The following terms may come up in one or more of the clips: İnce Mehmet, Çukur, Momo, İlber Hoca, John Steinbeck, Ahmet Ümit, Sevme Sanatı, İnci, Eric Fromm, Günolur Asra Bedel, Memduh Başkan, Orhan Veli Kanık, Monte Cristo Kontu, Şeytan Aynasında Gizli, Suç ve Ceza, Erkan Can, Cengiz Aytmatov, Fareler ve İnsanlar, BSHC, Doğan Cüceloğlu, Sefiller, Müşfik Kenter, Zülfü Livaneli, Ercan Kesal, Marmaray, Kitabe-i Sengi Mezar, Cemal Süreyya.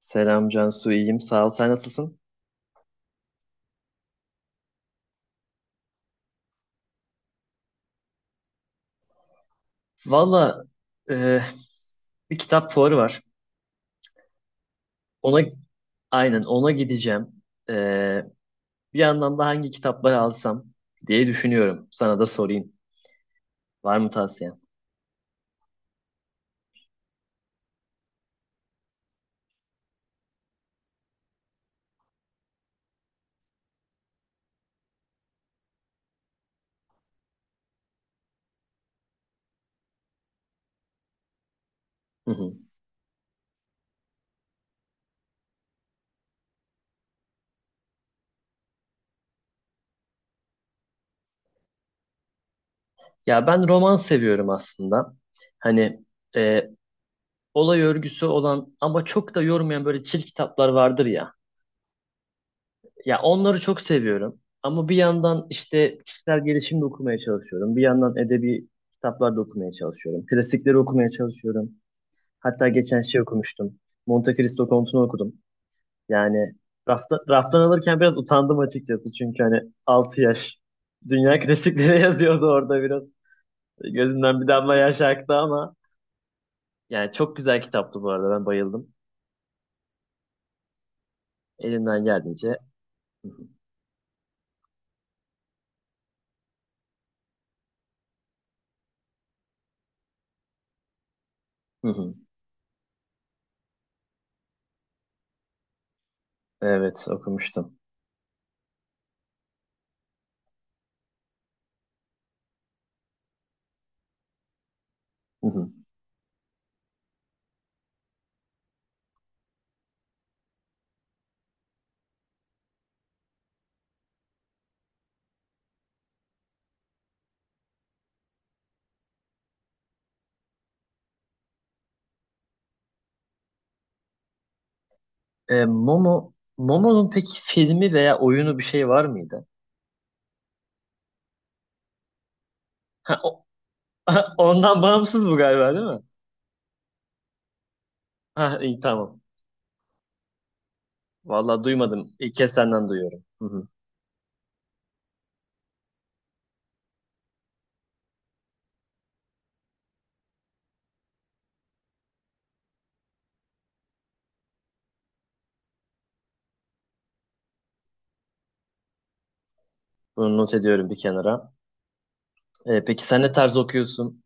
Selam Cansu, iyiyim. Sağ ol. Sen nasılsın? Valla e, bir kitap fuarı var. Ona aynen ona gideceğim. E, bir yandan da hangi kitapları alsam diye düşünüyorum. Sana da sorayım. Var mı tavsiyen? Hı hı. Ya ben roman seviyorum aslında. Hani e, olay örgüsü olan ama çok da yormayan böyle çil kitaplar vardır ya. Ya onları çok seviyorum. Ama bir yandan işte kişisel gelişim de okumaya çalışıyorum. Bir yandan edebi kitaplar da okumaya çalışıyorum. Klasikleri okumaya çalışıyorum. Hatta geçen şey okumuştum. Monte Cristo Kontu'nu okudum. Yani raftan alırken biraz utandım açıkçası. Çünkü hani 6 yaş dünya klasikleri yazıyordu orada biraz. Gözümden bir damla yaş aktı ama yani çok güzel kitaptı bu arada. Ben bayıldım. Elimden geldiğince. Hı hı. Evet okumuştum. E, Momo, Momo'nun peki filmi veya oyunu bir şey var mıydı? Ha, ondan bağımsız bu galiba değil mi? Ha, iyi tamam. Vallahi duymadım. İlk kez senden duyuyorum. Hı hı. Bunu not ediyorum bir kenara. Peki sen ne tarz okuyorsun?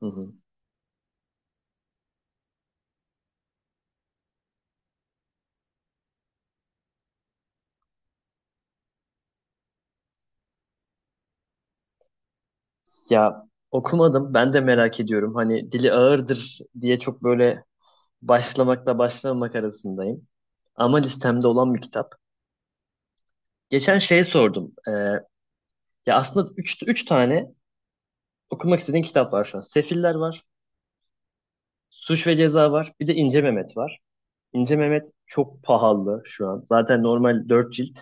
Hı hı. Ya okumadım. Ben de merak ediyorum. Hani dili ağırdır diye çok böyle başlamakla başlamamak arasındayım. Ama listemde olan bir kitap. Geçen şey sordum. Ya aslında üç tane okumak istediğim kitap var şu an. Sefiller var. Suç ve Ceza var. Bir de İnce Mehmet var. İnce Mehmet çok pahalı şu an. Zaten normal 4 cilt.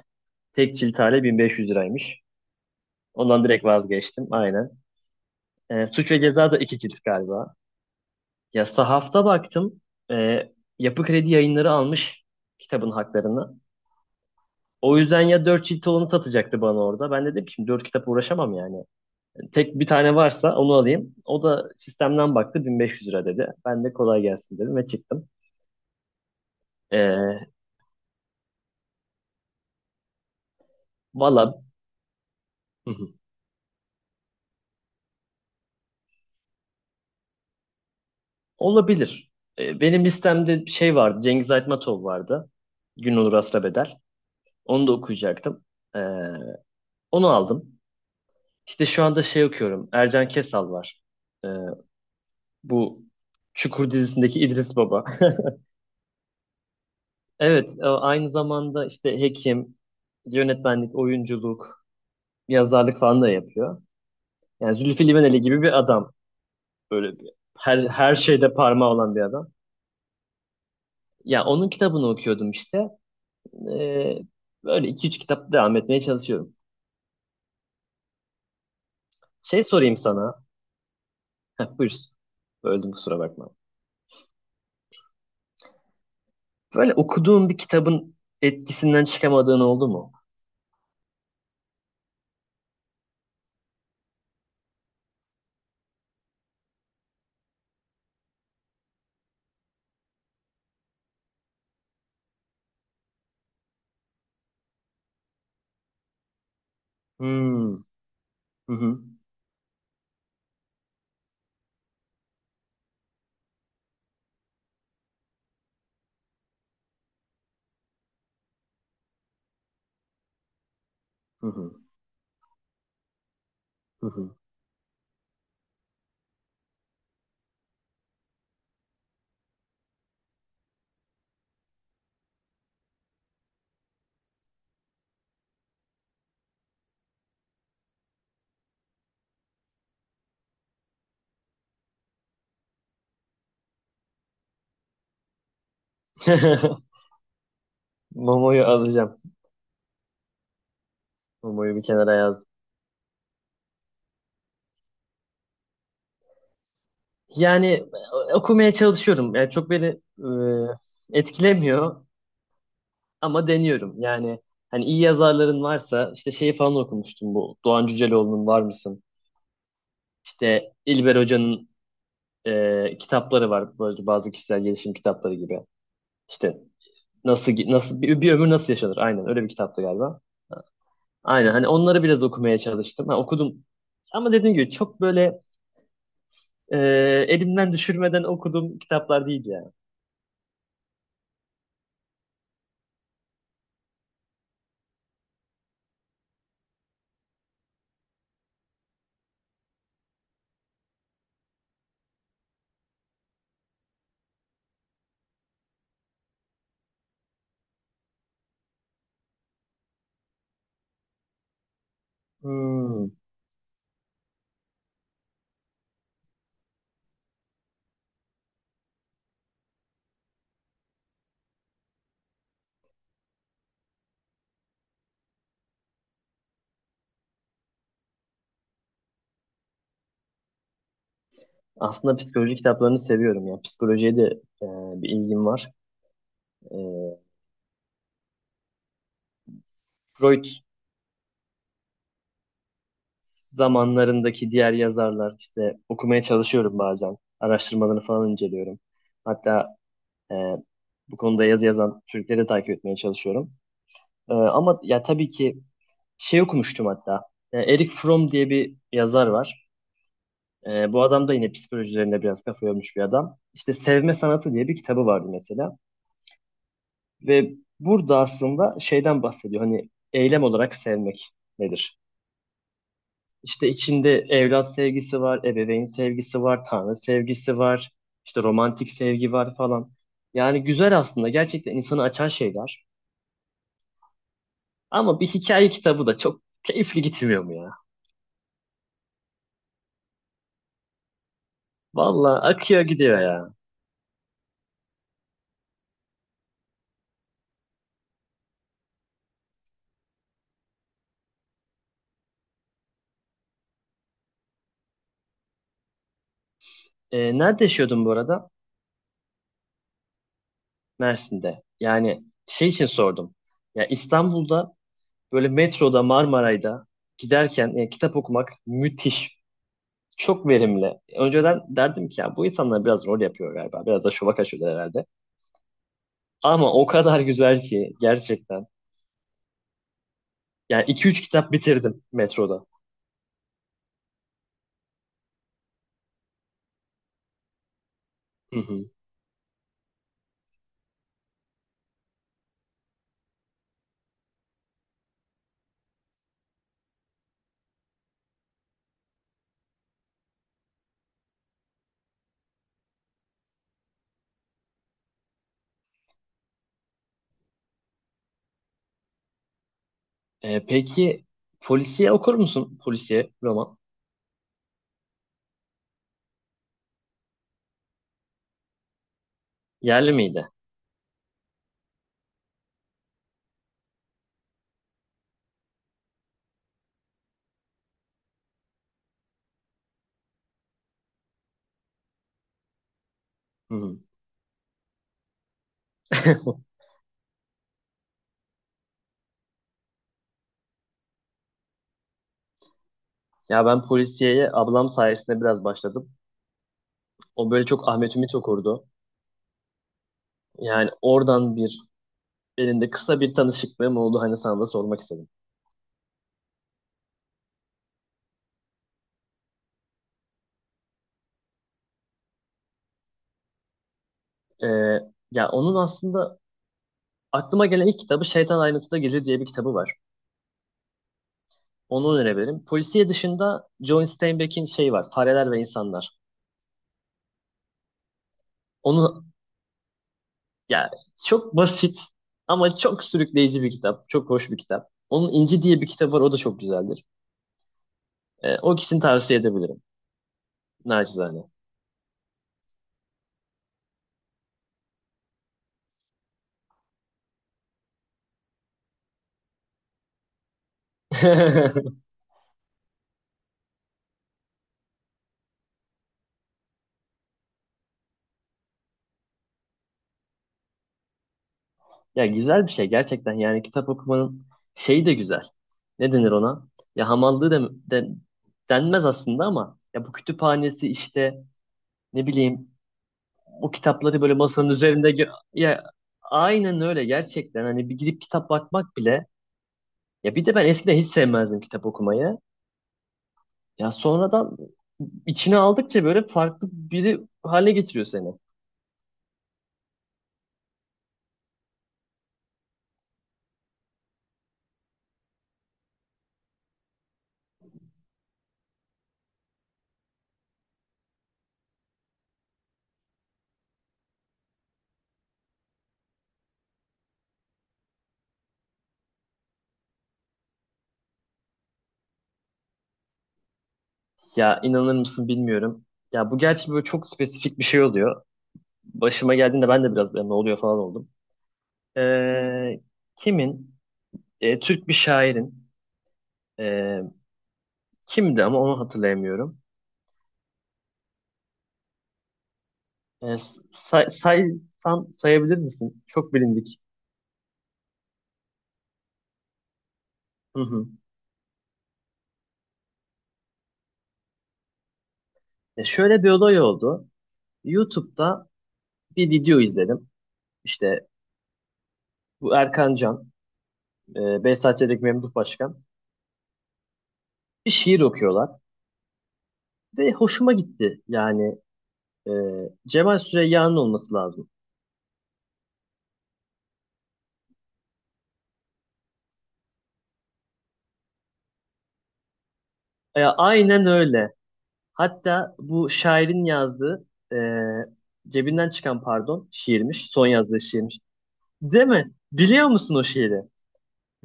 Tek cilt hali 1500 liraymış. Ondan direkt vazgeçtim. Aynen. Suç ve Ceza da 2 cilt galiba. Ya sahafta baktım. Ee, Yapı Kredi yayınları almış kitabın haklarını. O yüzden ya 4 cilt olanı satacaktı bana orada. Ben de dedim ki şimdi 4 kitap uğraşamam yani. Tek bir tane varsa onu alayım. O da sistemden baktı 1500 lira dedi. Ben de kolay gelsin dedim ve çıktım. Ee, valla Olabilir. Benim listemde bir şey vardı. Cengiz Aytmatov vardı. Günolur Asra Bedel. Onu da okuyacaktım. E, onu aldım. İşte şu anda şey okuyorum. Ercan Kesal var. E, bu Çukur dizisindeki İdris Baba. Evet, aynı zamanda işte hekim, yönetmenlik, oyunculuk, yazarlık falan da yapıyor. Yani Zülfü Livaneli gibi bir adam. Böyle her şeyde parmağı olan bir adam. Ya onun kitabını okuyordum işte. Ee, böyle 2-3 kitap devam etmeye çalışıyorum. Şey sorayım sana. Heh, buyur. Öldüm kusura bakma. Böyle okuduğun bir kitabın etkisinden çıkamadığın oldu mu? Hmm. Hı hı. Hı hı. Hı hı. Momo'yu alacağım. Momo'yu bir kenara yazdım. Yani okumaya çalışıyorum. Yani çok beni etkilemiyor ama deniyorum. Yani hani iyi yazarların varsa işte şeyi falan okumuştum bu. Doğan Cüceloğlu'nun Var mısın? İşte İlber Hoca'nın kitapları var böyle bazı kişisel gelişim kitapları gibi. İşte nasıl bir ömür nasıl yaşanır? Aynen öyle bir kitaptı galiba. Aynen hani onları biraz okumaya çalıştım. Ha, okudum ama dediğim gibi çok böyle e, elimden düşürmeden okuduğum kitaplar değil yani. Hmm. Aslında psikoloji kitaplarını seviyorum ya. Psikolojiye de e, bir ilgim var. E, Freud zamanlarındaki diğer yazarlar işte okumaya çalışıyorum bazen. Araştırmalarını falan inceliyorum. Hatta Ee, bu konuda yazı yazan Türkleri takip etmeye çalışıyorum. Ama ya tabii ki şey okumuştum hatta. Eric Fromm diye bir yazar var. Bu adam da yine psikoloji üzerine biraz kafa yormuş bir adam. İşte Sevme Sanatı diye bir kitabı vardı mesela. Ve burada aslında şeyden bahsediyor. Hani eylem olarak sevmek nedir? İşte içinde evlat sevgisi var, ebeveyn sevgisi var, tanrı sevgisi var, işte romantik sevgi var falan. Yani güzel aslında. Gerçekten insanı açan şeyler. Ama bir hikaye kitabı da çok keyifli gitmiyor mu ya? Valla akıyor gidiyor ya. Nerede yaşıyordun bu arada? Mersin'de. Yani şey için sordum. Ya İstanbul'da böyle metroda Marmaray'da giderken kitap okumak müthiş. Çok verimli. Önceden derdim ki ya bu insanlar biraz rol yapıyor galiba. Biraz da şova kaçıyorlar herhalde. Ama o kadar güzel ki gerçekten. Yani iki üç kitap bitirdim metroda. Hı hı. Peki polisiye okur musun? Polisiye roman. Yerli miydi? Hı. Ya ben polisiyeye ablam sayesinde biraz başladım. O böyle çok Ahmet Ümit okurdu. Yani oradan bir elinde kısa bir tanışıklığım oldu. Hani sana da sormak istedim. Ee, ya onun aslında aklıma gelen ilk kitabı Şeytan Aynasında Gizli diye bir kitabı var. Onu önerebilirim. Polisiye dışında John Steinbeck'in şey var. Fareler ve İnsanlar. Onu ya çok basit ama çok sürükleyici bir kitap. Çok hoş bir kitap. Onun İnci diye bir kitabı var. O da çok güzeldir. O ikisini tavsiye edebilirim. Nacizane. Ya güzel bir şey gerçekten yani kitap okumanın şeyi de güzel. Ne denir ona? Ya hamallığı da denmez aslında ama ya bu kütüphanesi işte ne bileyim o kitapları böyle masanın üzerinde ya aynen öyle gerçekten hani bir gidip kitap bakmak bile ya bir de ben eskiden hiç sevmezdim kitap okumayı. Ya sonradan içine aldıkça böyle farklı biri hale getiriyor seni. Ya inanır mısın bilmiyorum. Ya bu gerçi böyle çok spesifik bir şey oluyor. Başıma geldiğinde ben de biraz "Ya ne oluyor falan oldum. Ee, kimin? Türk bir şairin. Ee, kimdi ama onu hatırlayamıyorum. Ee, saysan sayabilir misin? Çok bilindik. Hı hı. Şöyle bir olay oldu. YouTube'da bir video izledim. İşte bu Erkan Can, BSHC'deki Memduh Başkan. Bir şiir okuyorlar. Ve hoşuma gitti. Yani e, Cemal Süreyya'nın olması lazım. Ya, aynen öyle. Hatta bu şairin yazdığı cebinden çıkan pardon şiirmiş. Son yazdığı şiirmiş. Değil mi? Biliyor musun o şiiri?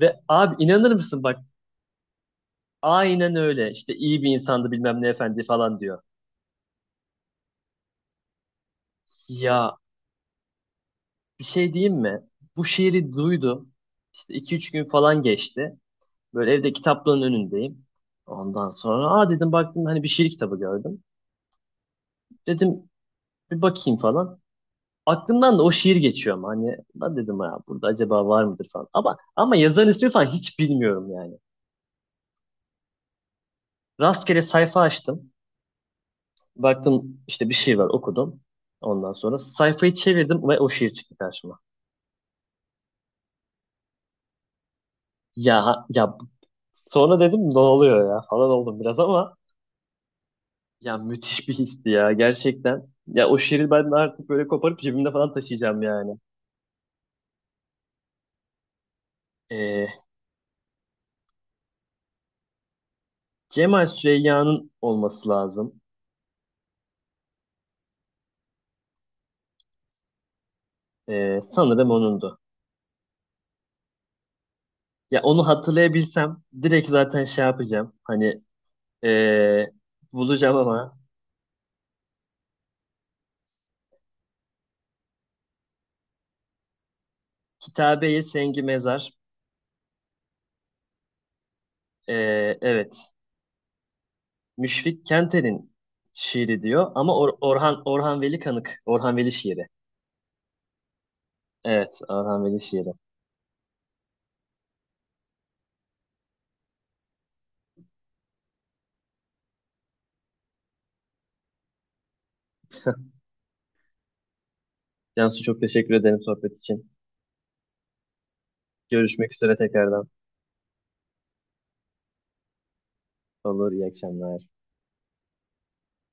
Ve abi inanır mısın bak aynen öyle işte iyi bir insandı bilmem ne efendi falan diyor. Ya bir şey diyeyim mi? Bu şiiri duydum. İşte iki üç gün falan geçti. Böyle evde kitaplığın önündeyim. Ondan sonra aa dedim baktım hani bir şiir kitabı gördüm. Dedim bir bakayım falan. Aklımdan da o şiir geçiyor ama hani lan dedim ya burada acaba var mıdır falan. Ama yazarın ismi falan hiç bilmiyorum yani. Rastgele sayfa açtım. Baktım işte bir şey var okudum. Ondan sonra sayfayı çevirdim ve o şiir çıktı karşıma. Ya sonra dedim ne oluyor ya falan oldum biraz ama ya müthiş bir histi ya gerçekten. Ya o şiiri ben artık böyle koparıp cebimde falan taşıyacağım yani. Ee, Cemal Süreyya'nın olması lazım. Sanırım onundu. Ya onu hatırlayabilsem direkt zaten şey yapacağım. Hani eee, bulacağım ama Kitabe-i Sengi Mezar evet Müşfik Kenter'in şiiri diyor ama Orhan Veli Kanık Orhan Veli şiiri. Evet Orhan Veli şiiri. Cansu çok teşekkür ederim sohbet için. Görüşmek üzere tekrardan. Olur iyi akşamlar.